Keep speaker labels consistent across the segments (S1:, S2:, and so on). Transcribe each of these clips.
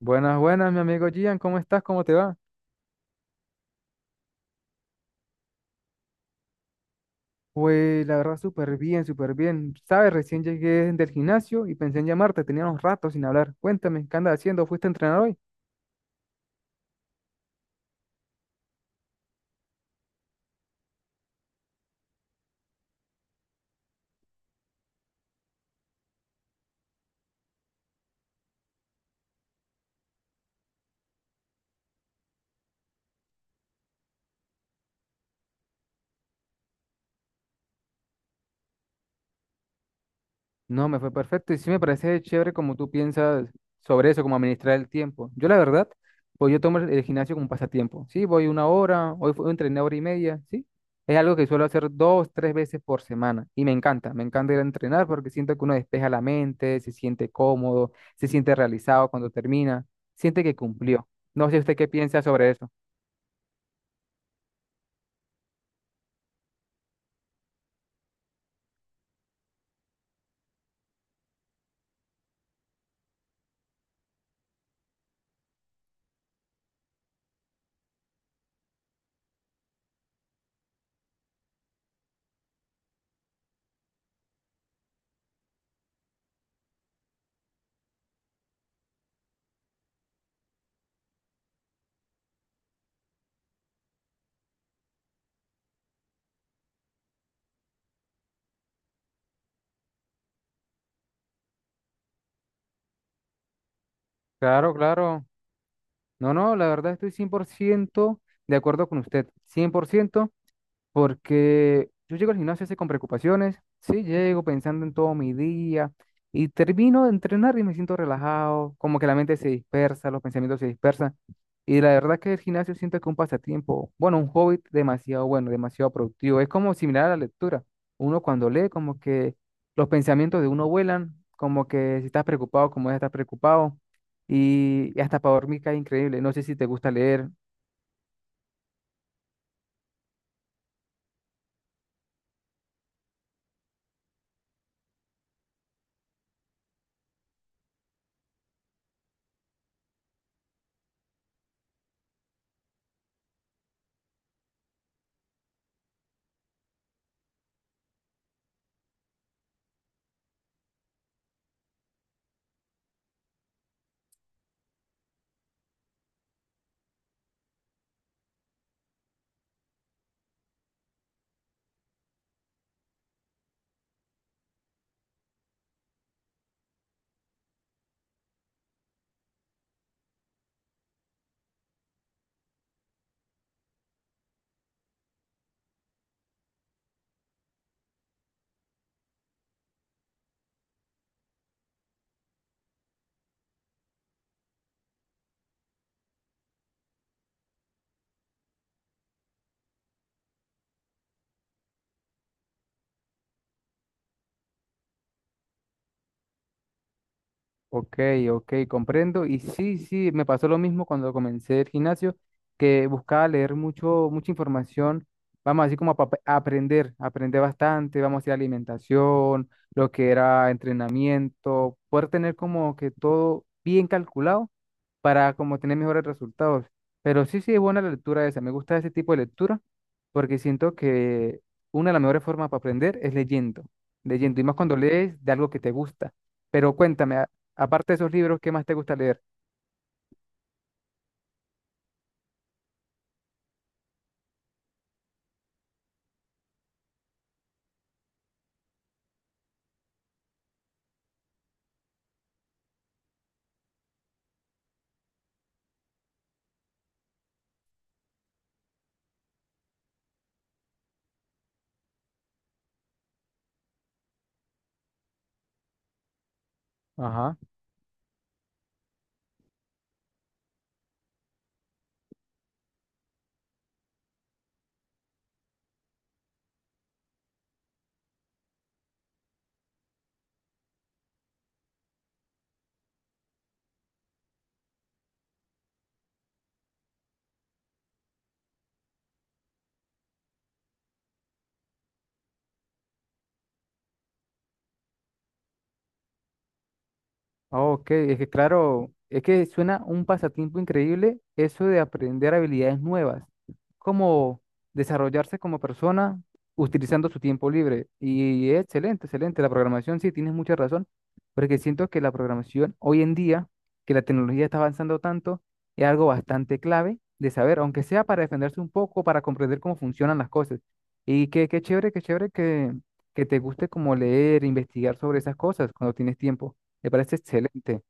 S1: Buenas, buenas, mi amigo Gian, ¿cómo estás? ¿Cómo te va? Pues la verdad, súper bien, súper bien. Sabes, recién llegué del gimnasio y pensé en llamarte, teníamos rato sin hablar. Cuéntame, ¿qué andas haciendo? ¿Fuiste a entrenar hoy? No, me fue perfecto y sí me parece chévere como tú piensas sobre eso, como administrar el tiempo. Yo la verdad, pues yo tomo el gimnasio como un pasatiempo. Sí, voy una hora. Hoy entrené hora y media, sí. Es algo que suelo hacer dos, tres veces por semana y me encanta ir a entrenar porque siento que uno despeja la mente, se siente cómodo, se siente realizado cuando termina, siente que cumplió. No sé usted qué piensa sobre eso. Claro, claro. No, no, la verdad estoy 100% de acuerdo con usted, 100%. Porque yo llego al gimnasio así con preocupaciones, sí, llego pensando en todo mi día y termino de entrenar y me siento relajado, como que la mente se dispersa, los pensamientos se dispersan. Y la verdad que el gimnasio siento que es un pasatiempo, bueno, un hobby demasiado bueno, demasiado productivo. Es como similar a la lectura. Uno cuando lee, como que los pensamientos de uno vuelan, como que si estás preocupado, como es estar preocupado. Y hasta para dormir cae increíble. No sé si te gusta leer. Ok, ok, comprendo. Y sí, sí, me pasó lo mismo cuando comencé el gimnasio, que buscaba leer mucho, mucha información, vamos así como a aprender, aprender bastante, vamos a decir alimentación, lo que era entrenamiento, poder tener como que todo bien calculado para como tener mejores resultados. Pero sí, sí, es buena la lectura esa, me gusta ese tipo de lectura porque siento que una de las mejores formas para aprender es leyendo, leyendo, y más cuando lees de algo que te gusta. Pero cuéntame, aparte de esos libros, ¿qué más te gusta leer? Ajá. Oh, ok, es que claro, es que suena un pasatiempo increíble eso de aprender habilidades nuevas, como desarrollarse como persona utilizando su tiempo libre. Y es excelente, excelente. La programación, sí, tienes mucha razón, porque siento que la programación hoy en día, que la tecnología está avanzando tanto, es algo bastante clave de saber, aunque sea para defenderse un poco, para comprender cómo funcionan las cosas. Y qué chévere, qué chévere que te guste como leer, investigar sobre esas cosas cuando tienes tiempo. Me parece excelente.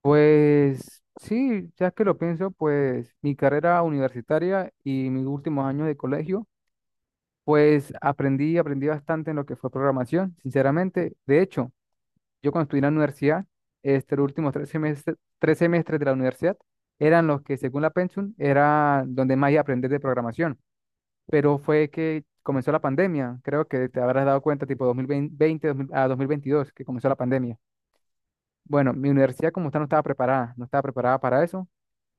S1: Pues sí, ya que lo pienso, pues mi carrera universitaria y mis últimos años de colegio, pues aprendí, aprendí bastante en lo que fue programación, sinceramente. De hecho, yo cuando estudié en la universidad, los últimos tres semestres de la universidad eran los que, según la pensum, era donde más iba a aprender de programación. Pero fue que comenzó la pandemia, creo que te habrás dado cuenta, tipo 2020 2000 a 2022 que comenzó la pandemia. Bueno, mi universidad como tal no estaba preparada, no estaba preparada para eso,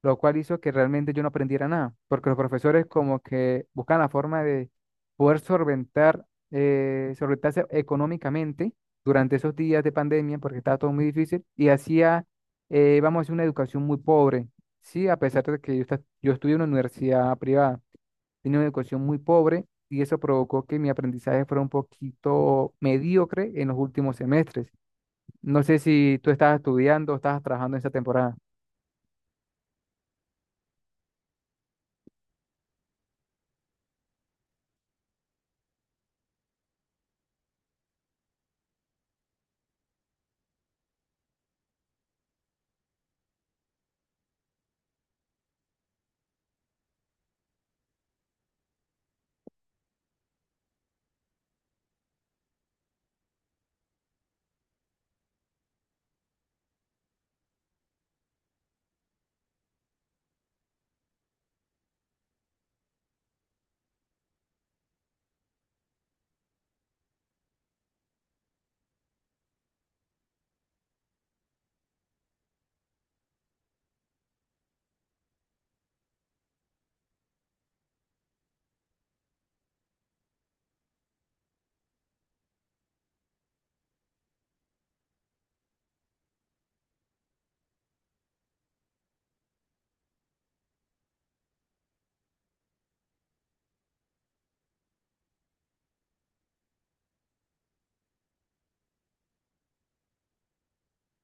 S1: lo cual hizo que realmente yo no aprendiera nada, porque los profesores como que buscan la forma de poder solventar, solventarse económicamente durante esos días de pandemia, porque estaba todo muy difícil, y hacía, vamos a decir, una educación muy pobre, sí, a pesar de que yo, yo estudié en una universidad privada, tenía una educación muy pobre, y eso provocó que mi aprendizaje fuera un poquito mediocre en los últimos semestres. No sé si tú estabas estudiando o estabas trabajando en esa temporada.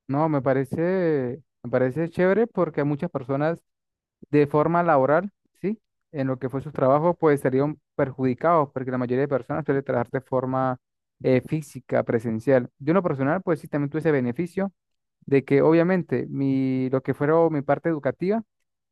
S1: No, me parece chévere porque muchas personas de forma laboral, ¿sí? En lo que fue sus trabajos, pues serían perjudicados porque la mayoría de personas suele trabajar de forma física, presencial. Yo en lo personal, pues sí, también tuve ese beneficio de que obviamente lo que fuera mi parte educativa,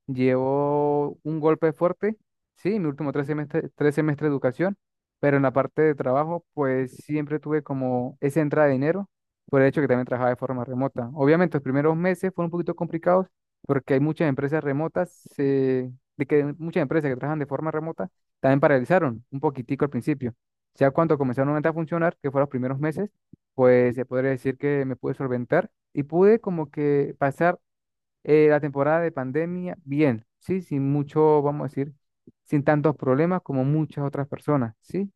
S1: llevo un golpe fuerte, sí, mi último tres semestre de educación, pero en la parte de trabajo, pues siempre tuve como esa entrada de dinero por el hecho que también trabajaba de forma remota. Obviamente, los primeros meses fueron un poquito complicados porque hay muchas empresas remotas, de que muchas empresas que trabajan de forma remota también paralizaron un poquitico al principio. Ya cuando comenzaron nuevamente a funcionar, que fueron los primeros meses, pues se podría decir que me pude solventar y pude como que pasar la temporada de pandemia, bien, sí, sin mucho, vamos a decir, sin tantos problemas como muchas otras personas. Sí,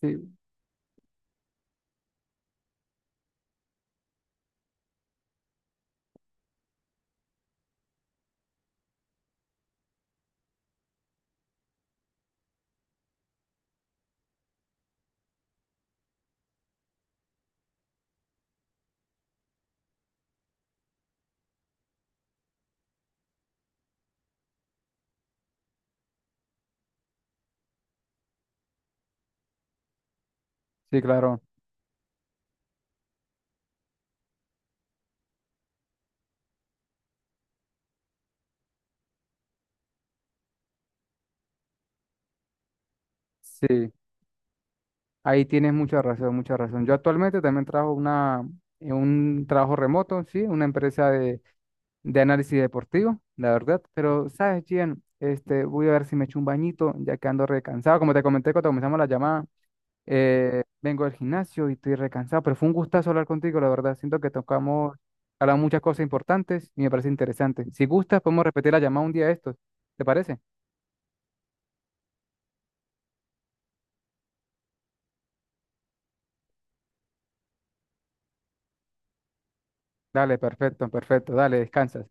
S1: sí, sí, claro, sí, ahí tienes mucha razón, mucha razón. Yo actualmente también trabajo en un trabajo remoto, sí, una empresa de análisis deportivo, la verdad, pero, ¿sabes, Gian? Voy a ver si me echo un bañito, ya que ando recansado, como te comenté cuando comenzamos la llamada. Vengo del gimnasio y estoy recansado, pero fue un gustazo hablar contigo, la verdad. Siento que tocamos, hablamos muchas cosas importantes y me parece interesante. Si gustas, podemos repetir la llamada un día de estos. ¿Te parece? Dale, perfecto, perfecto. Dale, descansas.